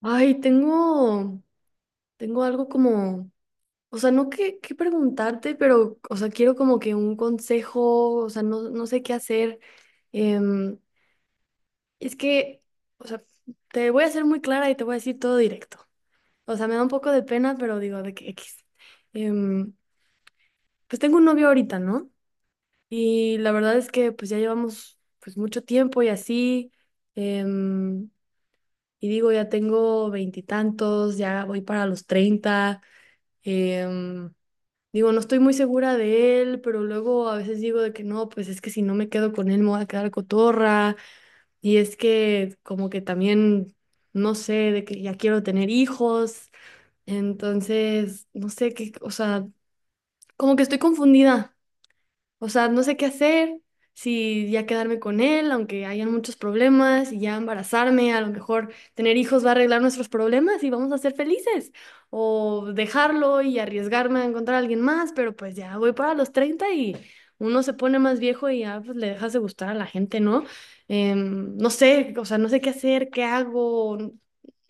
Ay, tengo algo como, o sea, no que preguntarte, pero, o sea, quiero como que un consejo, o sea, no, no sé qué hacer. Em, es que, o sea, te voy a ser muy clara y te voy a decir todo directo. O sea, me da un poco de pena, pero digo, de que X. Em, pues tengo un novio ahorita, ¿no? Y la verdad es que pues ya llevamos pues mucho tiempo y así. em, y digo, ya tengo veintitantos, ya voy para los treinta. Em, Digo, no estoy muy segura de él, pero luego a veces digo de que no, pues es que si no me quedo con él me voy a quedar cotorra. Y es que como que también, no sé, de que ya quiero tener hijos. Entonces, no sé qué, o sea, como que estoy confundida. O sea, no sé qué hacer, si ya quedarme con él, aunque hayan muchos problemas, y ya embarazarme, a lo mejor tener hijos va a arreglar nuestros problemas y vamos a ser felices, o dejarlo y arriesgarme a encontrar a alguien más, pero pues ya voy para los 30 y uno se pone más viejo y ya pues le dejas de gustar a la gente, ¿no? No sé, o sea, no sé qué hacer, qué hago,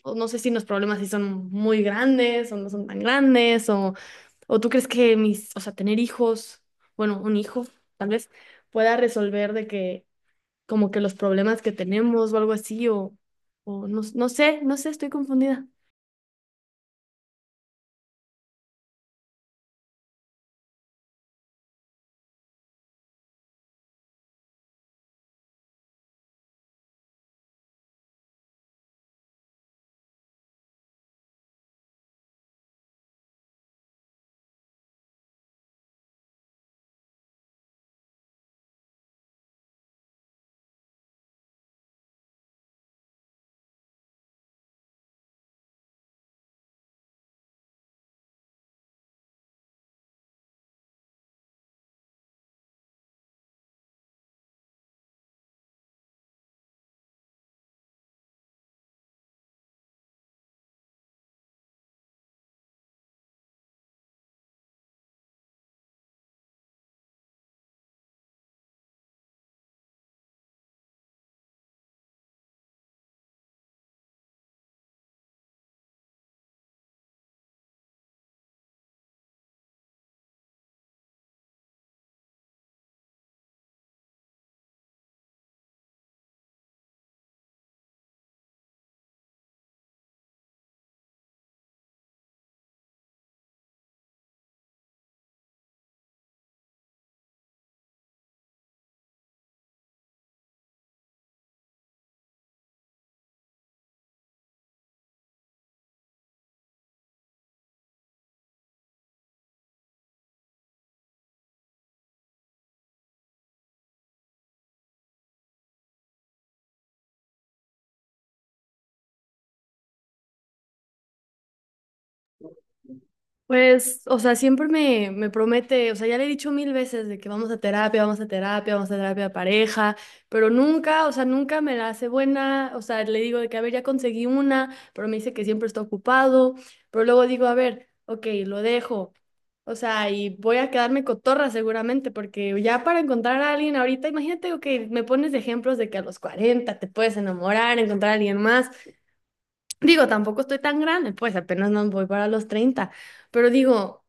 o no sé si los problemas sí son muy grandes o no son tan grandes. ¿O tú crees que mis, o sea, tener hijos, bueno, un hijo, tal vez pueda resolver de que como que los problemas que tenemos o algo así, o no, no sé, no sé, estoy confundida? Pues, o sea, siempre me promete, o sea, ya le he dicho mil veces de que vamos a terapia, vamos a terapia, vamos a terapia de pareja, pero nunca, o sea, nunca me la hace buena, o sea, le digo de que, a ver, ya conseguí una, pero me dice que siempre está ocupado, pero luego digo, a ver, ok, lo dejo, o sea, y voy a quedarme cotorra seguramente, porque ya para encontrar a alguien ahorita, imagínate, ok, me pones de ejemplos de que a los 40 te puedes enamorar, encontrar a alguien más, digo, tampoco estoy tan grande, pues apenas no voy para los treinta, pero digo...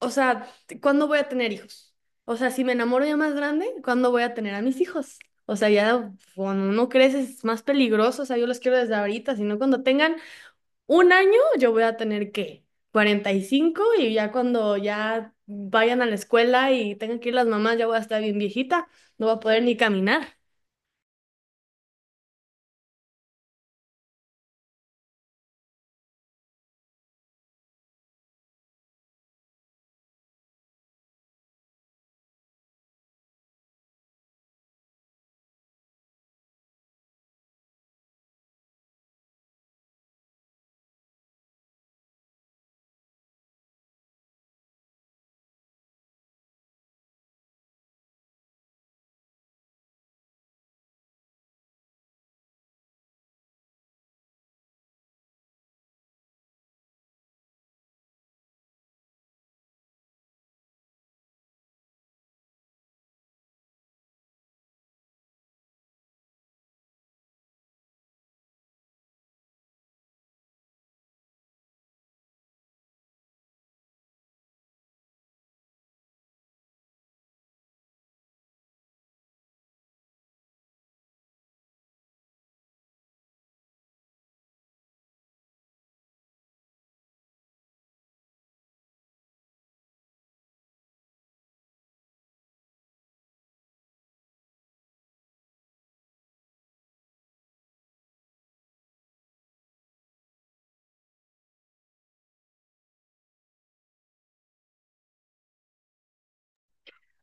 O sea, ¿cuándo voy a tener hijos? O sea, si me enamoro ya más grande, ¿cuándo voy a tener a mis hijos? O sea, ya cuando uno crece es más peligroso. O sea, yo los quiero desde ahorita, sino cuando tengan un año, yo voy a tener ¿qué? 45 y cinco, y ya cuando ya vayan a la escuela y tengan que ir las mamás, ya voy a estar bien viejita, no voy a poder ni caminar.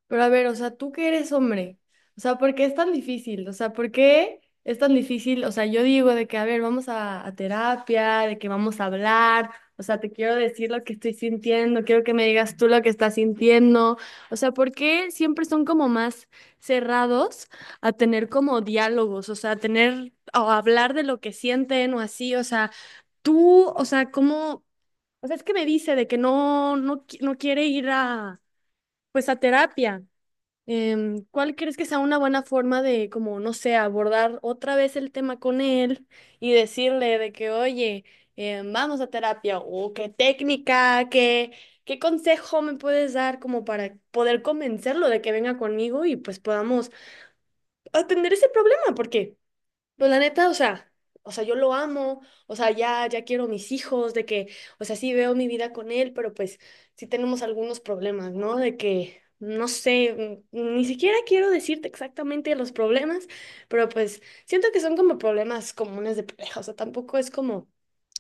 Pero a ver, o sea, tú que eres hombre, o sea, ¿por qué es tan difícil? O sea, ¿por qué es tan difícil? O sea, yo digo de que, a ver, vamos a terapia, de que vamos a hablar, o sea, te quiero decir lo que estoy sintiendo, quiero que me digas tú lo que estás sintiendo. O sea, ¿por qué siempre son como más cerrados a tener como diálogos, o sea, a tener o a hablar de lo que sienten o así? O sea, tú, o sea, ¿cómo? O sea, es que me dice de que no, no, no quiere ir a, pues a terapia. ¿Cuál crees que sea una buena forma de, como, no sé, abordar otra vez el tema con él y decirle de que, oye, vamos a terapia o qué técnica, qué, qué consejo me puedes dar como para poder convencerlo de que venga conmigo y pues podamos atender ese problema? Porque... Pues la neta, o sea, yo lo amo, o sea, ya, ya quiero mis hijos, de que, o sea, sí veo mi vida con él, pero pues sí tenemos algunos problemas, ¿no? De que, no sé, ni siquiera quiero decirte exactamente los problemas, pero pues siento que son como problemas comunes de pareja, o sea, tampoco es como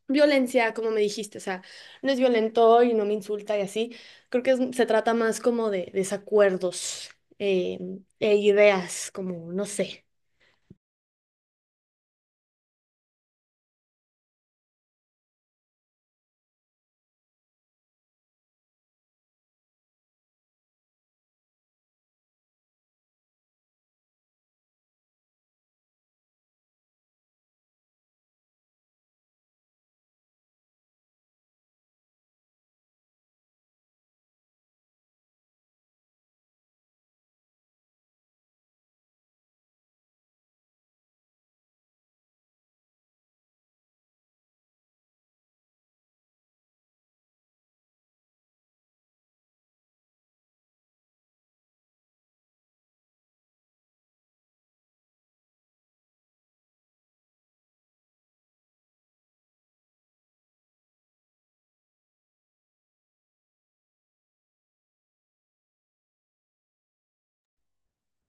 violencia, como me dijiste, o sea, no es violento y no me insulta y así, creo que se trata más como de desacuerdos eh, e ideas, como, no sé.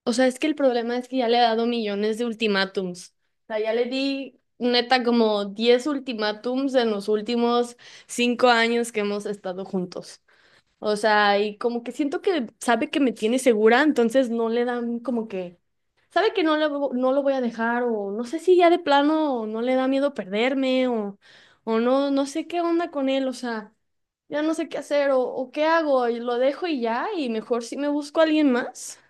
O sea, es que el problema es que ya le he dado millones de ultimátums. O sea, ya le di neta como 10 ultimátums en los últimos 5 años que hemos estado juntos. O sea, y como que siento que sabe que me tiene segura, entonces no le dan como que... Sabe que no, no lo voy a dejar o no sé si ya de plano no le da miedo perderme o no, no sé qué onda con él. O sea, ya no sé qué hacer o qué hago, y lo dejo y ya y mejor si me busco a alguien más.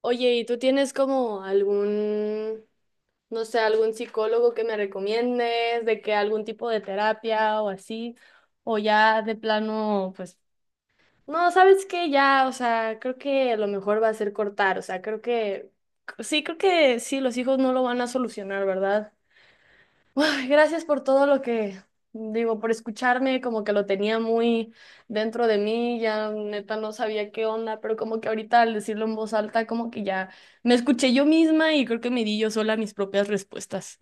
Oye, ¿y tú tienes como algún, no sé, algún psicólogo que me recomiendes, de que algún tipo de terapia o así? O ya de plano, pues, no, ¿sabes qué? Ya, o sea, creo que lo mejor va a ser cortar, o sea, creo que sí, los hijos no lo van a solucionar, ¿verdad? Ay, gracias por todo lo que, digo, por escucharme, como que lo tenía muy dentro de mí, ya neta no sabía qué onda, pero como que ahorita al decirlo en voz alta, como que ya me escuché yo misma y creo que me di yo sola mis propias respuestas.